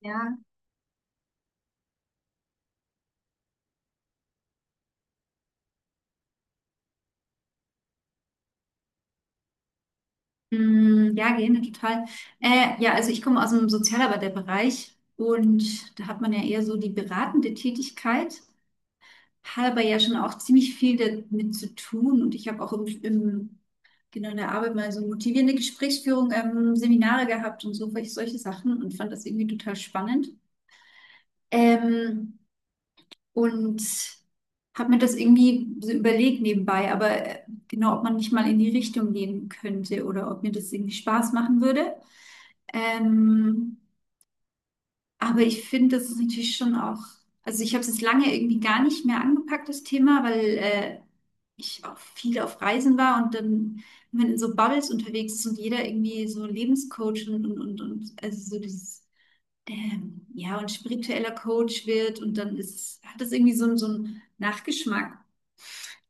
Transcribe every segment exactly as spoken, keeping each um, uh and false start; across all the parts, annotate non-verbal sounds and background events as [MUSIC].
Ja, mm, ja, gerne, total. Äh, ja, also ich komme aus dem Sozialarbeiterbereich und da hat man ja eher so die beratende Tätigkeit, hat aber ja schon auch ziemlich viel damit zu tun und ich habe auch im, im, genau in der Arbeit mal so motivierende Gesprächsführung, ähm, Seminare gehabt und so, solche solche Sachen und fand das irgendwie total spannend. Ähm, und habe mir das irgendwie so überlegt nebenbei, aber äh, genau, ob man nicht mal in die Richtung gehen könnte oder ob mir das irgendwie Spaß machen würde. Ähm, aber ich finde, das ist natürlich schon auch, also ich habe es jetzt lange irgendwie gar nicht mehr angepackt, das Thema, weil äh, ich auch viel auf Reisen war und dann, wenn man in so Bubbles unterwegs ist und jeder irgendwie so Lebenscoach und, und, und, und also so dieses, ähm, ja, und spiritueller Coach wird und dann ist, hat das irgendwie so, einen- so einen Nachgeschmack.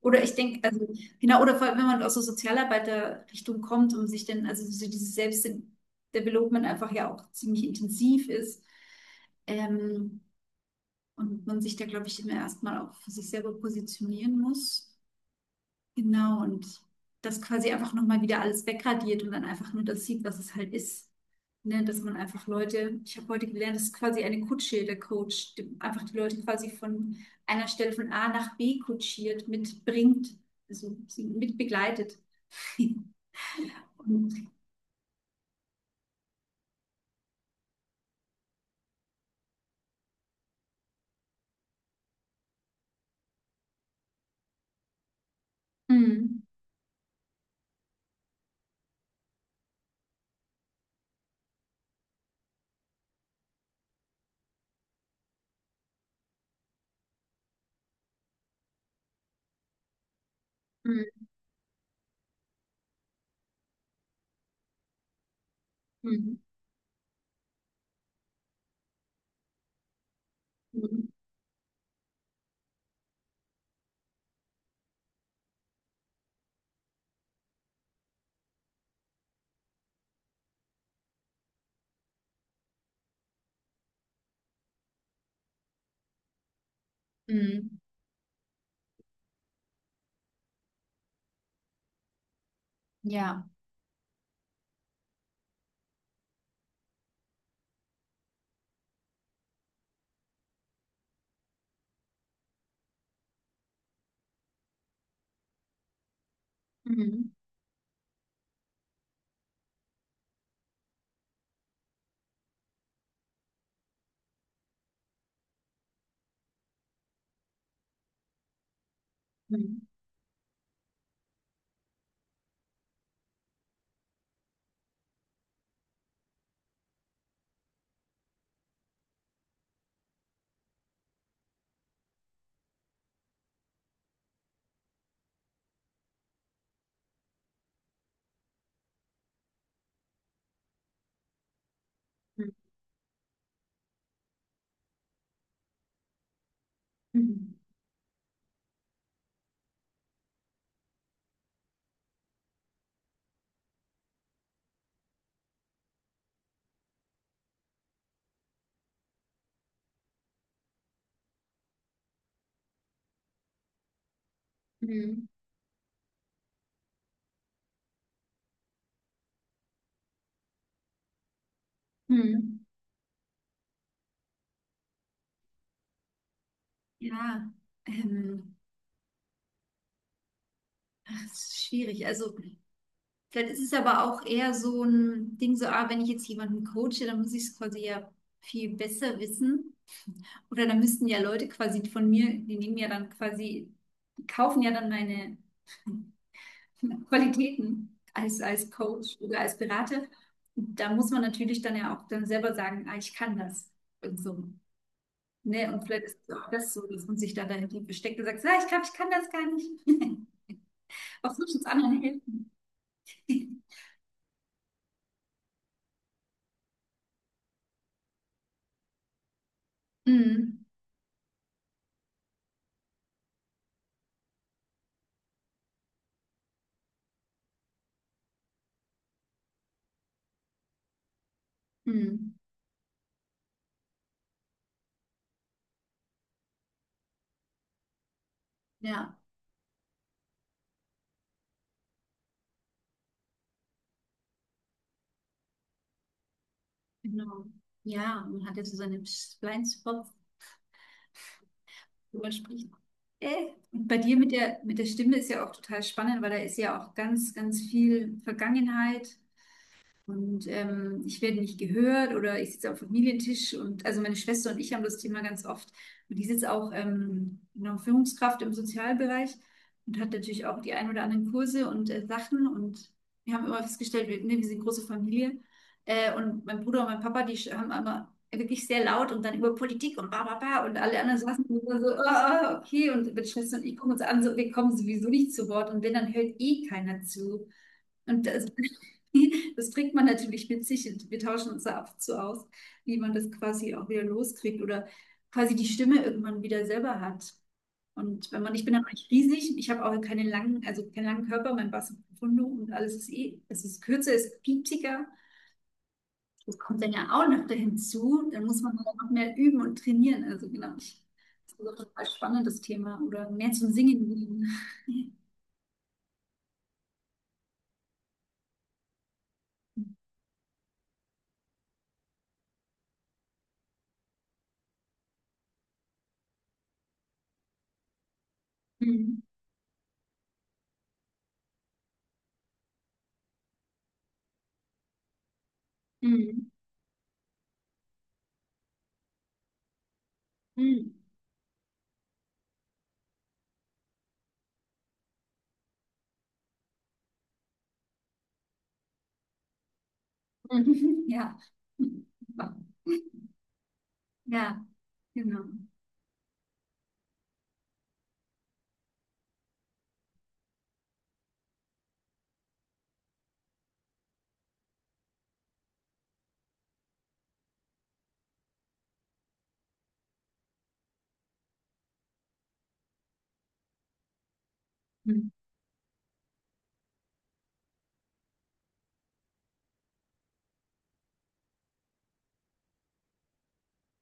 Oder ich denke, also, genau, oder vor allem, wenn man aus der Sozialarbeiterrichtung kommt und sich dann, also so dieses Selbstdevelopment einfach ja auch ziemlich intensiv ist, ähm, und man sich da, glaube ich, immer erstmal auch für sich selber positionieren muss. Genau, und das quasi einfach nochmal wieder alles wegradiert und dann einfach nur das sieht, was es halt ist. Ne, dass man einfach Leute, ich habe heute gelernt, das ist quasi eine Kutsche, der Coach, die einfach die Leute quasi von einer Stelle von A nach B kutschiert, mitbringt, also sie mit begleitet. [LAUGHS] Und, mm, mm, mm, mm, mm, [LAUGHS] ja. Mm, mm, mm, mm, mm, mm. Ja, ähm, ach, es ist schwierig. Also vielleicht ist es aber auch eher so ein Ding, so, ah, wenn ich jetzt jemanden coache, dann muss ich es quasi ja viel besser wissen. Oder dann müssten ja Leute quasi von mir, die nehmen ja dann quasi, die kaufen ja dann meine [LAUGHS] Qualitäten als, als Coach oder als Berater. Und da muss man natürlich dann ja auch dann selber sagen, ah, ich kann das. Und so. Ne? Und vielleicht ist es auch das so, dass man sich dann dahinter versteckt und sagt, ja, ich kann, ich kann das gar nicht. [LAUGHS] Was soll ich uns anderen helfen? [LAUGHS] Mm, mm, ja. Genau. Ja, man hat ja so seine Blindspots, wo man spricht. Äh, und bei dir mit der, mit der Stimme ist ja auch total spannend, weil da ist ja auch ganz, ganz viel Vergangenheit. Und ähm, ich werde nicht gehört oder ich sitze am Familientisch und also meine Schwester und ich haben das Thema ganz oft. Und die sitzt auch ähm, eine Führungskraft im Sozialbereich und hat natürlich auch die ein oder anderen Kurse und äh, Sachen. Und wir haben immer festgestellt, wir, ne, wir sind eine große Familie. Äh, und mein Bruder und mein Papa, die sch- haben immer wirklich sehr laut und dann über Politik und ba, ba, ba. Und alle anderen saßen immer so, ah, ah, okay. Und meine Schwester und ich gucken uns an, so, wir kommen sowieso nicht zu Wort. Und wenn, dann hört eh keiner zu. Und das, [LAUGHS] das bringt man natürlich mit sich. Und wir tauschen uns da ab und zu aus, wie man das quasi auch wieder loskriegt oder quasi die Stimme irgendwann wieder selber hat. Und wenn man, ich bin dann eigentlich riesig, ich habe auch keine langen, also keinen langen Körper, mein Bass ist profundo und alles ist eh, es ist kürzer, es ist piepsiger. Das kommt dann ja auch noch hinzu. Dann muss man halt noch mehr üben und trainieren. Also genau, ich, das ist auch ein total spannendes Thema oder mehr zum Singen. Gehen. [LAUGHS] Mhm. Mhm. Mhm. [LAUGHS] Mhm. Ja. Ja, genau. Mhm.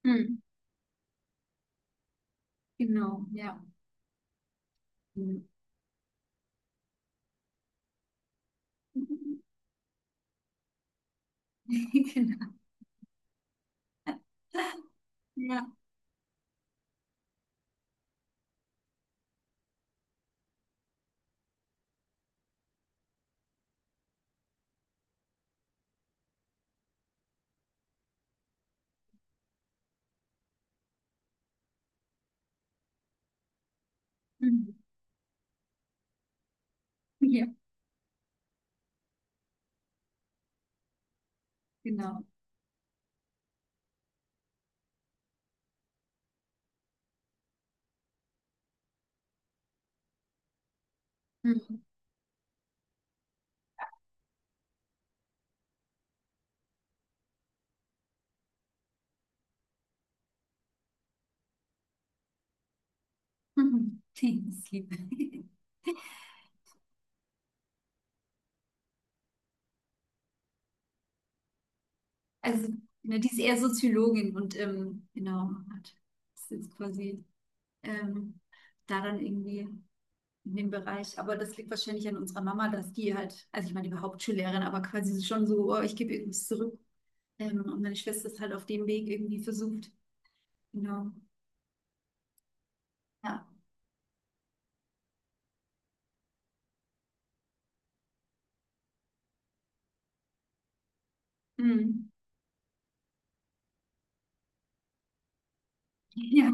Mhm. Genau, ja. Mhm. [LAUGHS] Genau. Ja. Mhm. Ja, genau. Mhm. Mhm. Liebe. [LAUGHS] Also, ne, die ist eher Soziologin und ähm, genau, hat ist jetzt quasi ähm, da dann irgendwie in dem Bereich. Aber das liegt wahrscheinlich an unserer Mama, dass die halt, also ich meine, die war Hauptschullehrerin, aber quasi so schon so, oh, ich gebe irgendwas zurück. Ähm, und meine Schwester ist halt auf dem Weg irgendwie versucht, genau. Ja. Mhm. [LAUGHS] Ja,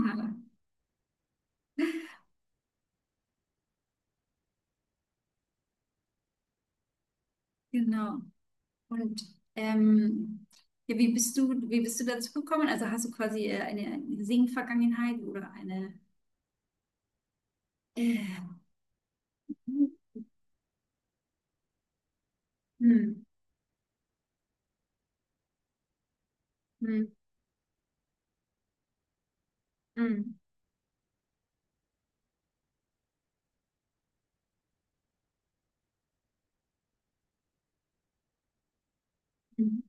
genau. Und ähm, ja, wie bist du, wie bist du dazu gekommen? Also hast du quasi äh, eine, eine Sing-Vergangenheit oder eine äh, mhm. Mhm. Mhm. Mhm.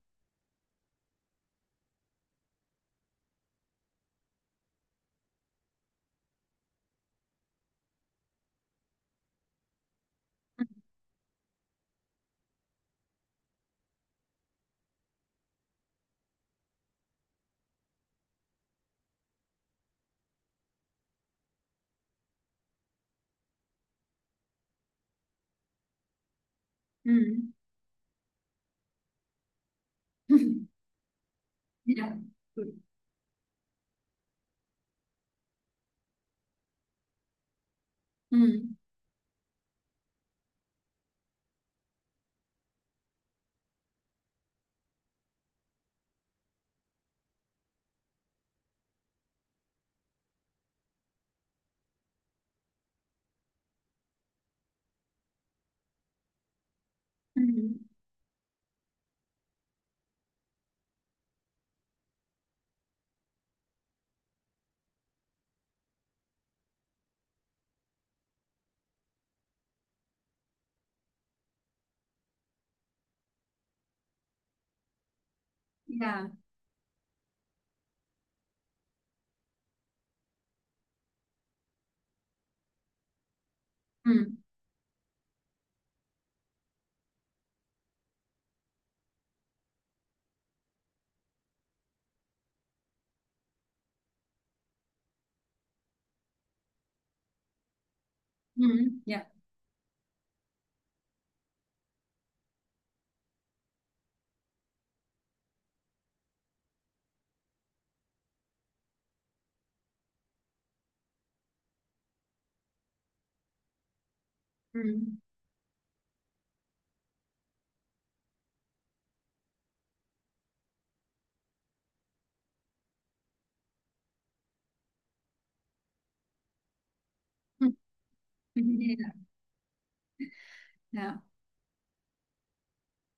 Mhm. Mhm. [LAUGHS] Ja, gut. Mhm. Mhm. Ja. Mhm. Mhm. Ja. Mhm. [LAUGHS] Ja. Ja.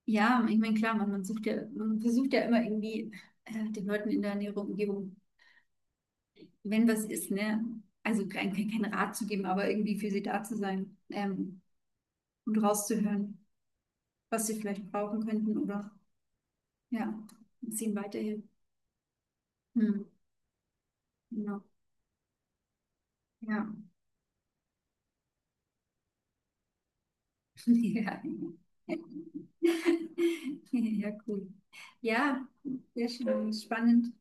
Ja, ich meine, klar, man, man sucht ja, man versucht ja immer irgendwie äh, den Leuten in der näheren Umgebung wenn was ist, ne? Also kein, kein Rat zu geben, aber irgendwie für sie da zu sein ähm, und rauszuhören, was sie vielleicht brauchen könnten oder ja, und sie ihnen weiterhin. Hm, genau. Ja. [LAUGHS] Ja. [LAUGHS] Ja, cool. Ja, sehr schön, spannend.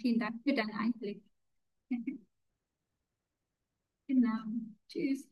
Vielen Dank für deinen Einblick. [LAUGHS] Genau. Tschüss.